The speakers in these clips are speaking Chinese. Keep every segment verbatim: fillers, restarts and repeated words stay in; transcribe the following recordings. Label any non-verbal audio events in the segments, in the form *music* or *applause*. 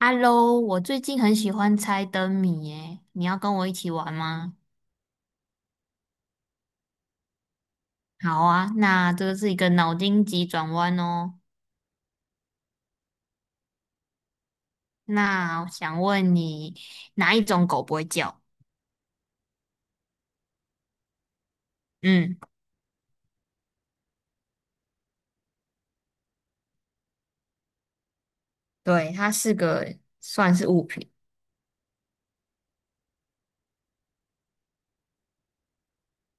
Hello，我最近很喜欢猜灯谜耶，你要跟我一起玩吗？好啊，那这个是一个脑筋急转弯哦。那我想问你，哪一种狗不会叫？嗯，对，它是个算是物品。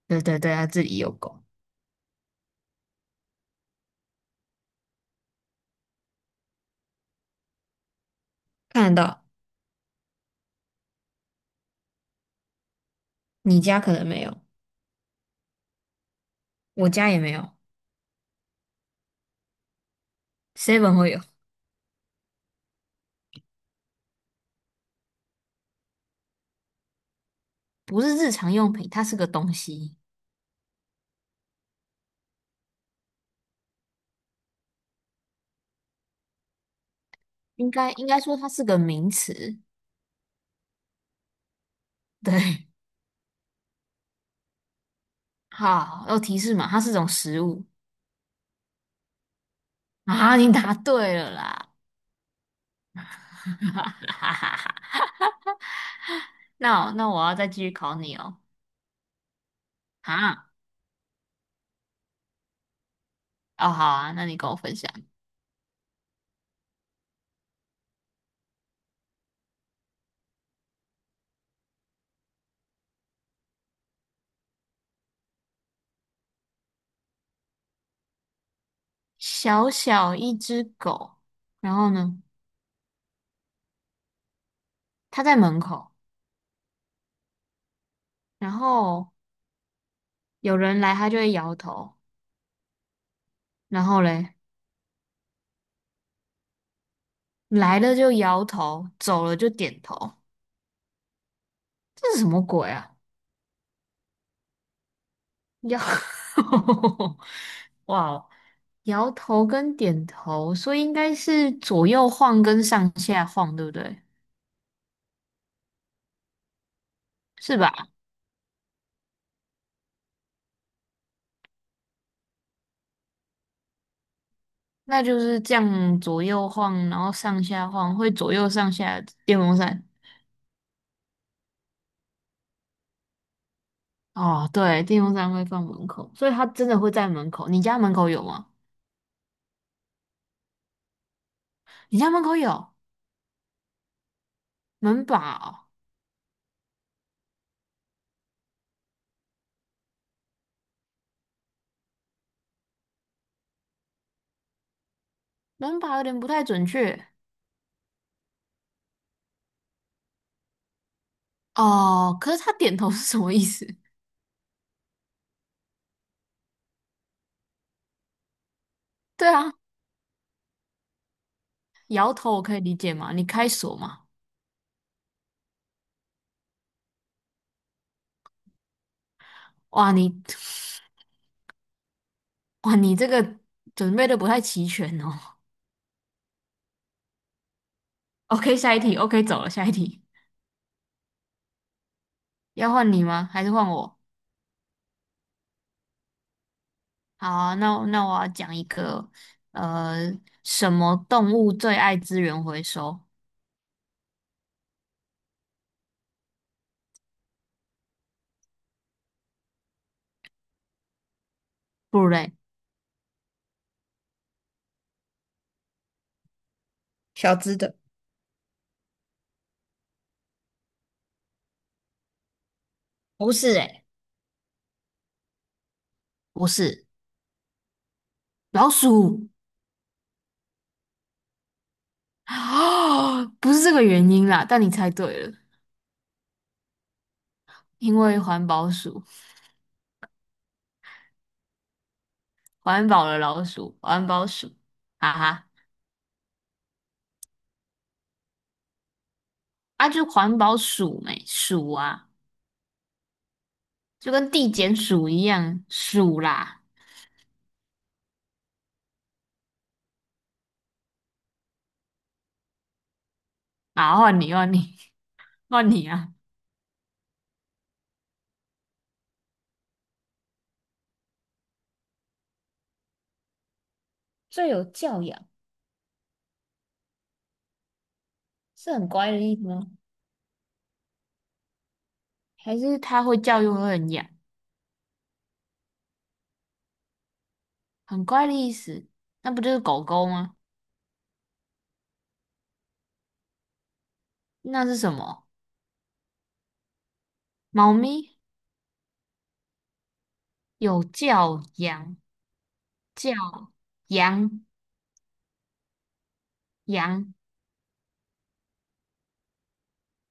对对对，它自己有狗，看得到。你家可能没有，我家也没有，Seven 会有，不是日常用品，它是个东西。应该应该说它是个名词。*laughs* 对，好，要提示嘛，它是种食物。*laughs* 啊，你答对了啦！*laughs* 哈哈哈。那我那我要再继续考你哦。啊，哦，好啊，那你跟我分享。小小一只狗，然后呢，它在门口，然后有人来，它就会摇头，然后嘞，来了就摇头，走了就点头，这是什么鬼啊？摇，*laughs* 哇哦，摇头跟点头，所以应该是左右晃跟上下晃，对不对？是吧？那就是这样左右晃，然后上下晃，会左右上下的电风扇。哦，对，电风扇会放门口，所以它真的会在门口。你家门口有吗？你家门口有门把哦，门把有点不太准确哦。可是他点头是什么意思？*laughs* 对啊，摇头我可以理解嘛，你开锁嘛。哇，你 *laughs* 哇，你这个准备的不太齐全哦。*laughs* OK，下一题，OK，走了，下一题，要换你吗？还是换我？好啊，那那我要讲一个，呃，什么动物最爱资源回收？不乳类，小只的，不是诶，不是，老鼠。啊，*gasps* 不是这个原因啦，但你猜对了，因为环保鼠，环保的老鼠，环保鼠，哈哈，啊，就环保鼠没鼠啊，就跟地检鼠一样鼠啦，啊，换你换你。 *laughs* 换你啊，最有教养是很乖的意思吗？还是它会叫又会很痒，很乖的意思。那不就是狗狗吗？那是什么？猫咪，有叫羊，叫羊羊。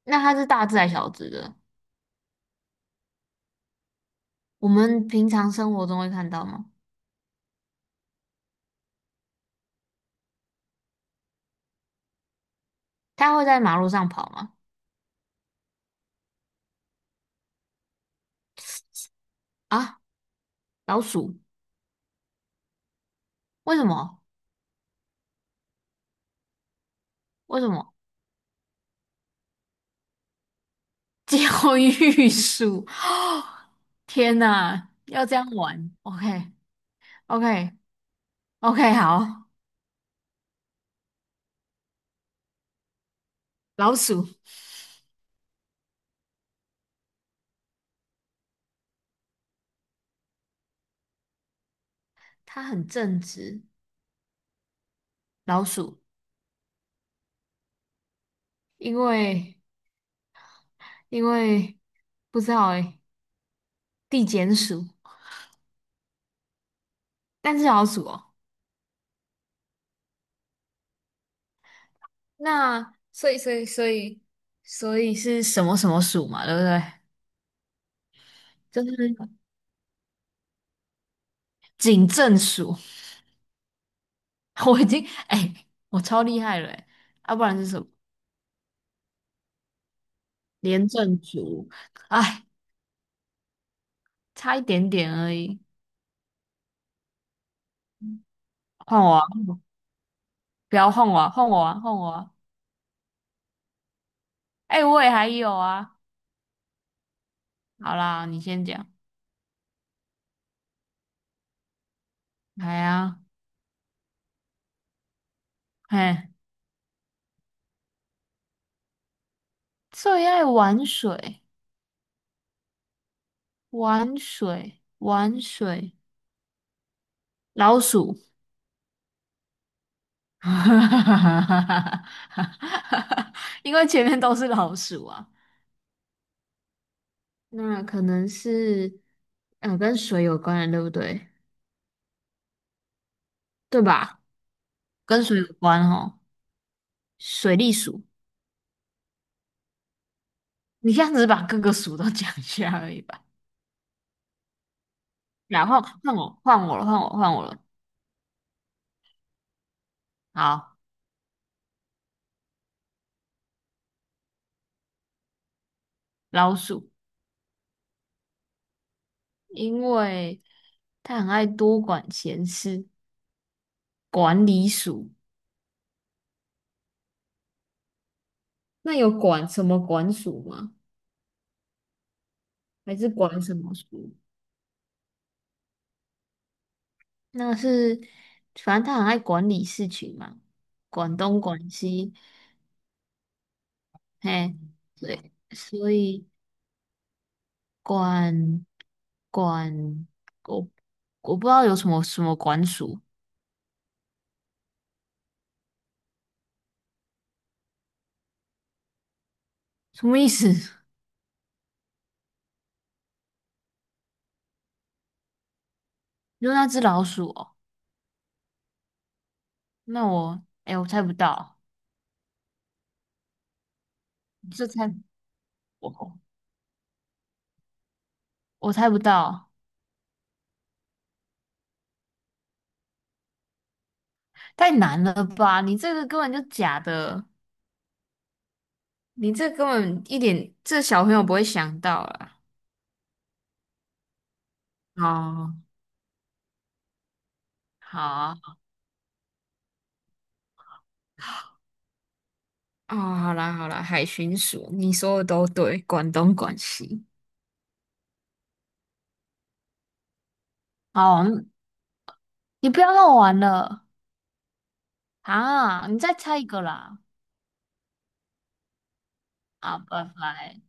那它是大只还是小只的？我们平常生活中会看到吗？它会在马路上跑吗？啊，老鼠？为什么？为什么？*laughs* 教育鼠？*gasps* 天哪，要这样玩？OK， OK， OK，好，老鼠，它很正直，老鼠。因为因为不知道诶，地检署，但是小署哦。那所以所以所以所以是什么什么署嘛，对不对？就是警政署，*laughs* 我已经哎、我超厉害了哎、要、不然是什么廉政署？哎，差一点点而已。换我啊，不要换我啊，换我啊，换我啊！哎、我也还有啊。好啦，你先讲。来啊，嘿，最爱玩水。玩水，玩水，老鼠，*laughs* 因为前面都是老鼠啊。那可能是，呃，跟水有关的，对不对？对吧？跟水有关哦。水利鼠，你这样子把各个鼠都讲一下而已吧。然后换我，换我了，换我，换我了。好，老鼠，因为它很爱多管闲事，管理鼠。那有管什么管鼠吗？还是管什么书？那是，反正他很爱管理事情嘛，管东管西，嘿，对，所以管管我我不知道有什么什么管鼠，什么意思？*laughs* 就那只老鼠哦？那我哎、我猜不到，这猜我我猜不到，太难了吧？你这个根本就假的，你这根本一点这小朋友不会想到啦。哦，好啊。哦，好啦好啦，海巡署，你说的都对，广东广西。哦，你不要让我玩了啊！你再猜一个啦！啊，拜拜。